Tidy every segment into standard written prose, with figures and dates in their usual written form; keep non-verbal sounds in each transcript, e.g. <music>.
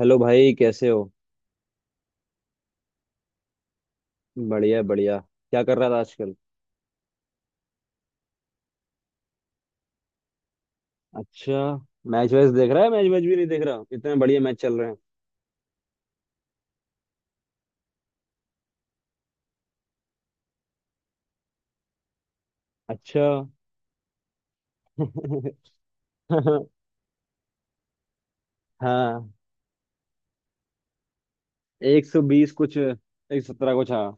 Hello भाई, कैसे हो। बढ़िया बढ़िया। क्या कर रहा था आजकल। अच्छा। मैच वैच देख रहा है। मैच वैच भी नहीं देख रहा, इतने बढ़िया मैच चल रहे हैं। अच्छा। <laughs> हाँ। 120 कुछ, 117 कुछ, हाँ।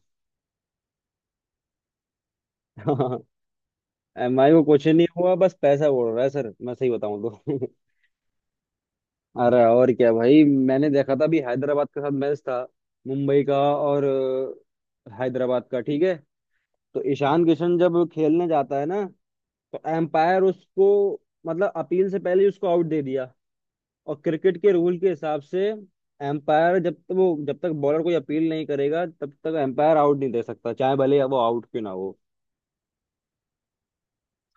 <laughs> एम आई को कुछ नहीं हुआ, बस पैसा उड़ रहा है सर, मैं सही बताऊं तो। <laughs> अरे और क्या भाई, मैंने देखा था अभी हैदराबाद के साथ मैच था, मुंबई का। और हैदराबाद का, ठीक है। तो ईशान किशन जब खेलने जाता है ना, तो एम्पायर उसको मतलब अपील से पहले ही उसको आउट दे दिया। और क्रिकेट के रूल के हिसाब से एम्पायर, जब तक बॉलर कोई अपील नहीं करेगा तब तक एम्पायर आउट नहीं दे सकता, चाहे भले वो आउट क्यों ना हो।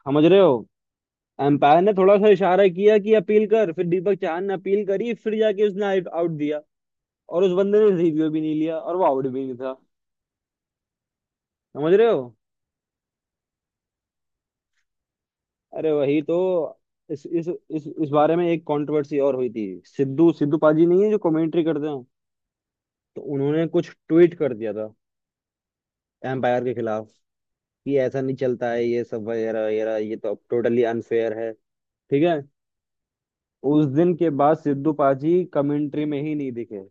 समझ रहे हो। एम्पायर ने थोड़ा सा इशारा किया कि अपील कर, फिर दीपक चाहर ने अपील करी, फिर जाके उसने आउट दिया। और उस बंदे ने रिव्यू भी नहीं लिया, और वो आउट भी नहीं था। समझ रहे हो। अरे वही तो। इस बारे में एक कंट्रोवर्सी और हुई थी। सिद्धू सिद्धू पाजी नहीं है जो कमेंट्री करते हैं, तो उन्होंने कुछ ट्वीट कर दिया था एम्पायर के खिलाफ, कि ऐसा नहीं चलता है ये सब वगैरह वगैरह, ये तो अब टोटली अनफेयर है, ठीक है। उस दिन के बाद सिद्धू पाजी कमेंट्री में ही नहीं दिखे।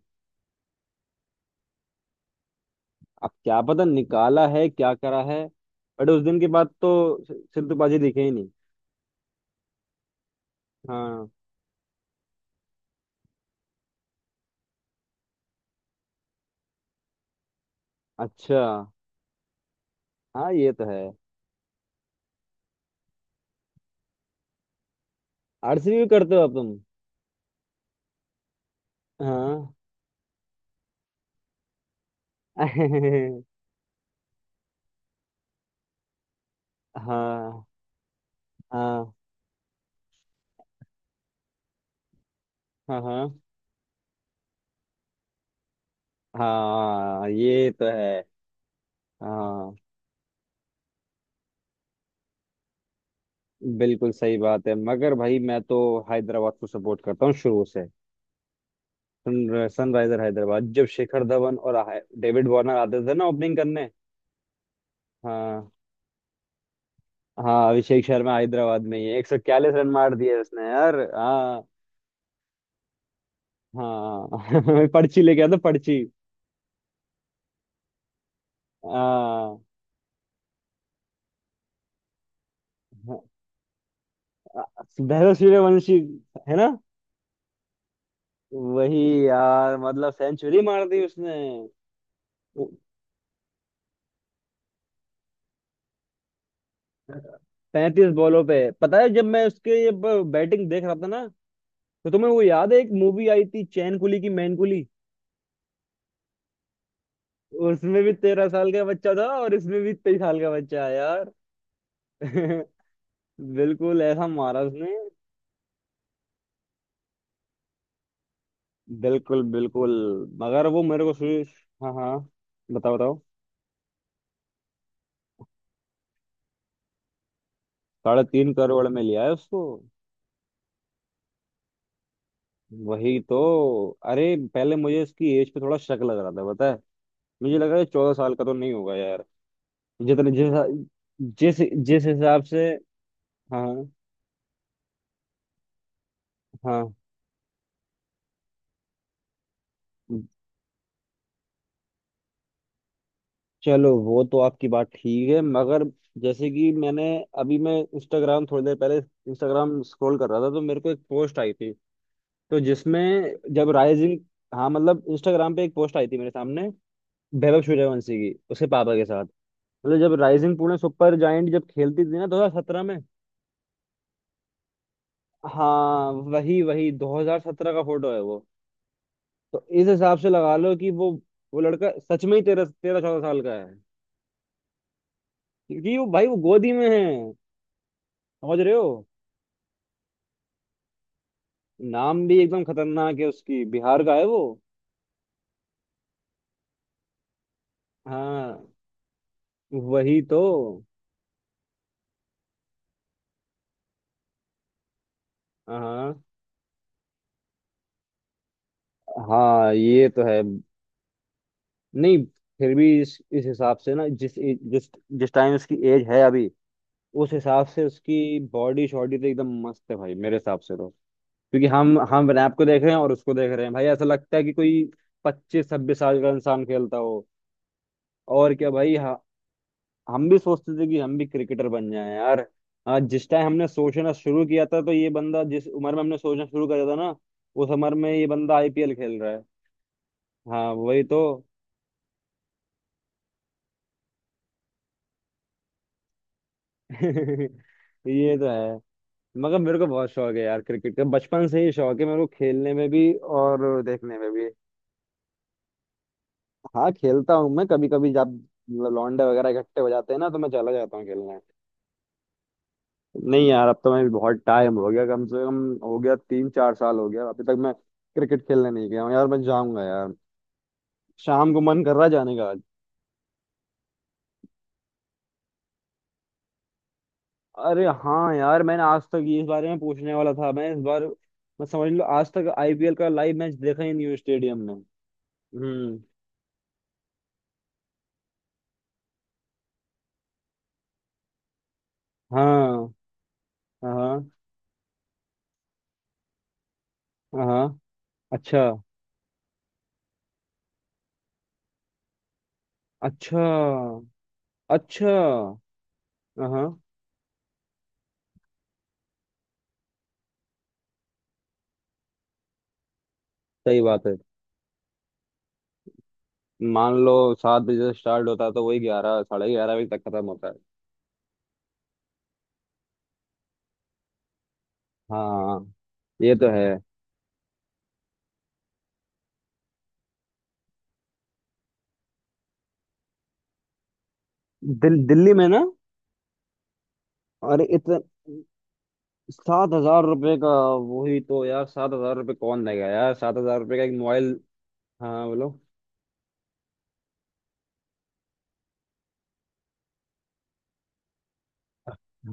अब क्या पता निकाला है क्या करा है, बट उस दिन के बाद तो सिद्धू पाजी दिखे ही नहीं। हाँ। अच्छा। हाँ ये तो है। आरसीबी भी करते हो अब तुम। हाँ। <laughs> हाँ हाँ हाँ। हाँ। हाँ ये तो है। हाँ बिल्कुल सही बात है, मगर भाई मैं तो हैदराबाद को सपोर्ट करता हूँ शुरू से। सनराइजर हैदराबाद, जब शिखर धवन और डेविड वार्नर आते थे ना ओपनिंग करने। हाँ। हाँ अभिषेक शर्मा हैदराबाद में ही है। 142 रन मार दिए उसने यार, हाँ। हाँ। <laughs> पर्ची लेके आता पर्ची। हाँ। वैभव सूर्यवंशी, है ना। वही। यार मतलब सेंचुरी मार दी उसने, 35 बॉलों पे। पता है जब मैं उसके ये बैटिंग देख रहा था ना। तो तुम्हें वो याद है, एक मूवी आई थी चैन कुली की मैन कुली। उसमें भी 13 साल का बच्चा था, और इसमें भी 23 साल का बच्चा है यार। <laughs> बिल्कुल ऐसा मारा उसने। बिल्कुल बिल्कुल। मगर वो मेरे को सुई। हाँ हाँ। बताओ बताओ। 3.5 करोड़ में लिया है उसको। वही तो। अरे पहले मुझे इसकी एज पे थोड़ा शक लग रहा था, पता है। मुझे लगा ये 14 साल का तो नहीं होगा यार। जितने जिस जिस जिस हिसाब से। हाँ हाँ। चलो वो तो आपकी बात ठीक है, मगर जैसे कि मैंने, अभी मैं इंस्टाग्राम थोड़ी देर पहले इंस्टाग्राम स्क्रॉल कर रहा था तो मेरे को एक पोस्ट आई थी। तो जिसमें जब राइजिंग, हाँ मतलब इंस्टाग्राम पे एक पोस्ट आई थी मेरे सामने, वैभव सूर्यवंशी की उसके पापा के साथ। मतलब जब राइजिंग पुणे सुपर जायंट जब खेलती थी ना 2017 में। हाँ वही वही 2017 का फोटो है वो। तो इस हिसाब से लगा लो कि वो लड़का सच में ही तेरह तेरह 14 साल का है, क्योंकि वो भाई वो गोदी में है। समझ रहे हो। नाम भी एकदम खतरनाक है उसकी, बिहार का है वो। हाँ वही तो। हाँ हाँ ये तो है। नहीं, फिर भी इस हिसाब से ना, जिस जिस जिस टाइम उसकी एज है अभी, उस हिसाब से उसकी बॉडी शॉडी तो एकदम मस्त है भाई मेरे हिसाब से तो। क्योंकि हम रैप को देख रहे हैं, और उसको देख रहे हैं भाई, ऐसा लगता है कि कोई 25-26 साल का इंसान खेलता हो। और क्या भाई, हाँ। हम भी सोचते थे कि हम भी क्रिकेटर बन जाएं यार। हाँ, जिस टाइम हमने सोचना शुरू किया था, तो ये बंदा, जिस उम्र में हमने सोचना शुरू करा था ना, उस उम्र में ये बंदा आईपीएल खेल रहा है। हाँ वही तो। <laughs> ये तो है। मगर मेरे को बहुत शौक है यार क्रिकेट का, बचपन से ही शौक है मेरे को, खेलने में भी और देखने में भी। हाँ खेलता हूँ मैं कभी कभी, जब मतलब लौंडे वगैरह इकट्ठे हो जाते हैं ना, तो मैं चला जाता हूँ खेलने। नहीं यार, अब तो मैं भी बहुत टाइम हो गया, कम से कम हो गया 3-4 साल, हो गया अभी तक मैं क्रिकेट खेलने नहीं गया हूँ यार। मैं जाऊंगा यार, शाम को मन कर रहा है जाने का आज। अरे हाँ यार, मैंने आज तक ये, इस बारे में पूछने वाला था मैं इस बार। मैं समझ लो आज तक आईपीएल का लाइव मैच देखा ही नहीं हूँ स्टेडियम में। हम्म। हाँ हाँ। हाँ। अच्छा। अच्छा। अच्छा। हाँ हाँ, सही बात है। मान लो 7 बजे से स्टार्ट होता है तो वही 11 11:30 बजे तक खत्म होता है। हाँ ये तो। दिल्ली में ना। अरे इतने, 7,000 रुपये का। वही तो यार, 7,000 रुपये कौन देगा यार, 7,000 रुपये का एक मोबाइल। हाँ बोलो।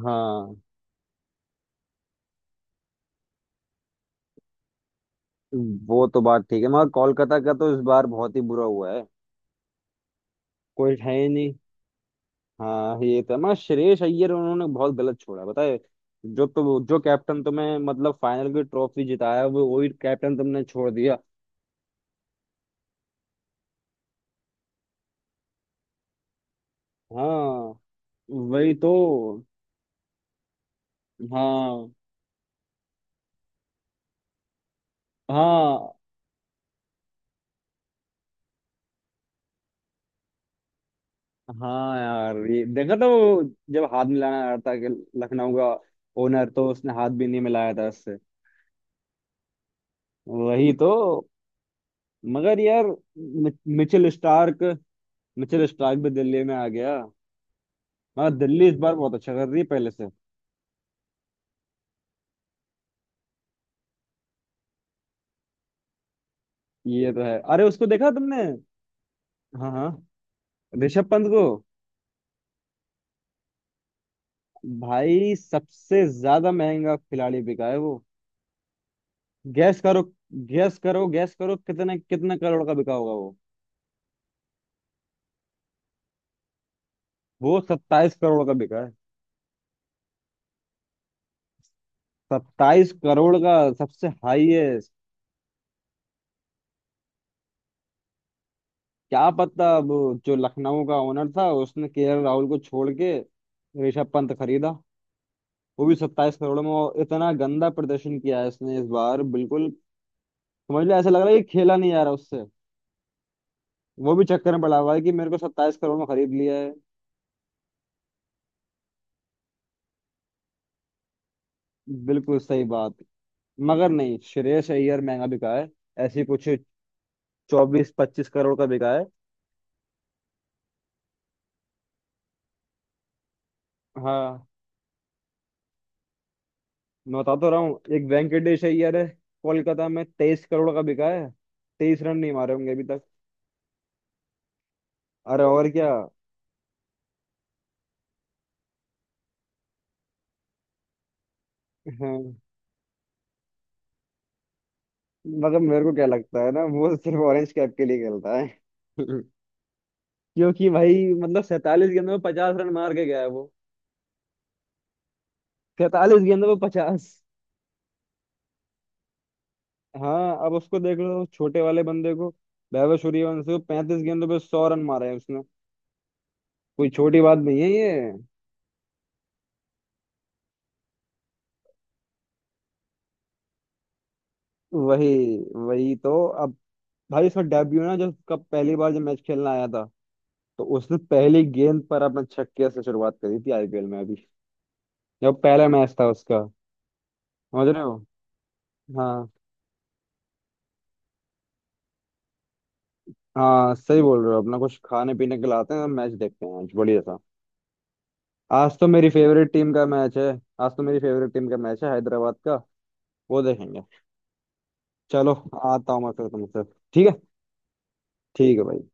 हाँ। वो तो बात ठीक है, मगर कोलकाता का तो इस बार बहुत ही बुरा हुआ है। कोई है ही नहीं। हाँ ये तो है। मगर श्रेयस अय्यर, उन्होंने बहुत गलत छोड़ा बताए। जो तो जो कैप्टन तुम्हें मतलब फाइनल की ट्रॉफी जिताया, वो वही कैप्टन तुमने छोड़ दिया। हाँ वही तो। हाँ हाँ। हाँ यार ये देखा था वो, जब हाथ मिलाना आ रहा था कि लखनऊ का ओनर, तो उसने हाथ भी नहीं मिलाया था उससे। वही तो। मगर यार, Mi- Mitchell Starc, Mitchell Starc भी दिल्ली में आ गया। मगर दिल्ली इस बार बहुत अच्छा कर रही है पहले से। ये तो है। अरे उसको देखा तुमने। हाँ हाँ। ऋषभ पंत को। भाई सबसे ज्यादा महंगा खिलाड़ी बिका है वो। गैस करो। गैस करो, गैस करो कितने कितने करोड़ का बिका होगा वो। वो 27 करोड़ का बिका, 27 करोड़ का, सबसे हाईएस्ट। क्या पता अब। जो लखनऊ का ओनर था, उसने केएल राहुल को छोड़ के ऋषभ पंत खरीदा, वो भी 27 करोड़ में। और इतना गंदा प्रदर्शन किया है इसने इस बार, बिल्कुल समझ लो ऐसा लग रहा है कि खेला नहीं जा रहा उससे। वो भी चक्कर में पड़ा हुआ है कि मेरे को 27 करोड़ में खरीद लिया है। बिल्कुल सही बात। मगर नहीं, श्रेयस अय्यर महंगा बिका है, ऐसी कुछ 24-25 करोड़ का बिका है। हाँ। मैं बता तो रहा हूँ, एक वेंकटेश अय्यर है, कोलकाता में 23 करोड़ का बिका है, 23 रन नहीं मारे होंगे अभी तक। अरे और क्या। <laughs> हाँ मतलब मेरे को क्या लगता है ना, वो सिर्फ ऑरेंज कैप के लिए खेलता है। <laughs> क्योंकि भाई मतलब 47 गेंदों में 50 रन मार के गया है वो, 47 गेंदों में पचास। हाँ अब उसको देख लो, छोटे वाले बंदे को। वैभव सूर्यवंशी को 35 गेंदों पे 100 रन मारे हैं उसने। कोई छोटी बात नहीं है ये। वही वही तो। अब भाई उसका डेब्यू ना, जब कब पहली बार जब मैच खेलना आया था, तो उसने पहली गेंद पर अपने छक्के से शुरुआत करी थी आईपीएल में, अभी जब पहला मैच था उसका। समझ रहे हो। हाँ हाँ, सही बोल रहे हो, अपना कुछ खाने पीने के लाते हैं, मैच देखते हैं आज बढ़िया सा। आज तो मेरी फेवरेट टीम का मैच है। आज तो मेरी फेवरेट टीम का मैच है, हैदराबाद का, वो देखेंगे। चलो, आता हूँ मैं फिर तुमसे। ठीक है। ठीक है भाई।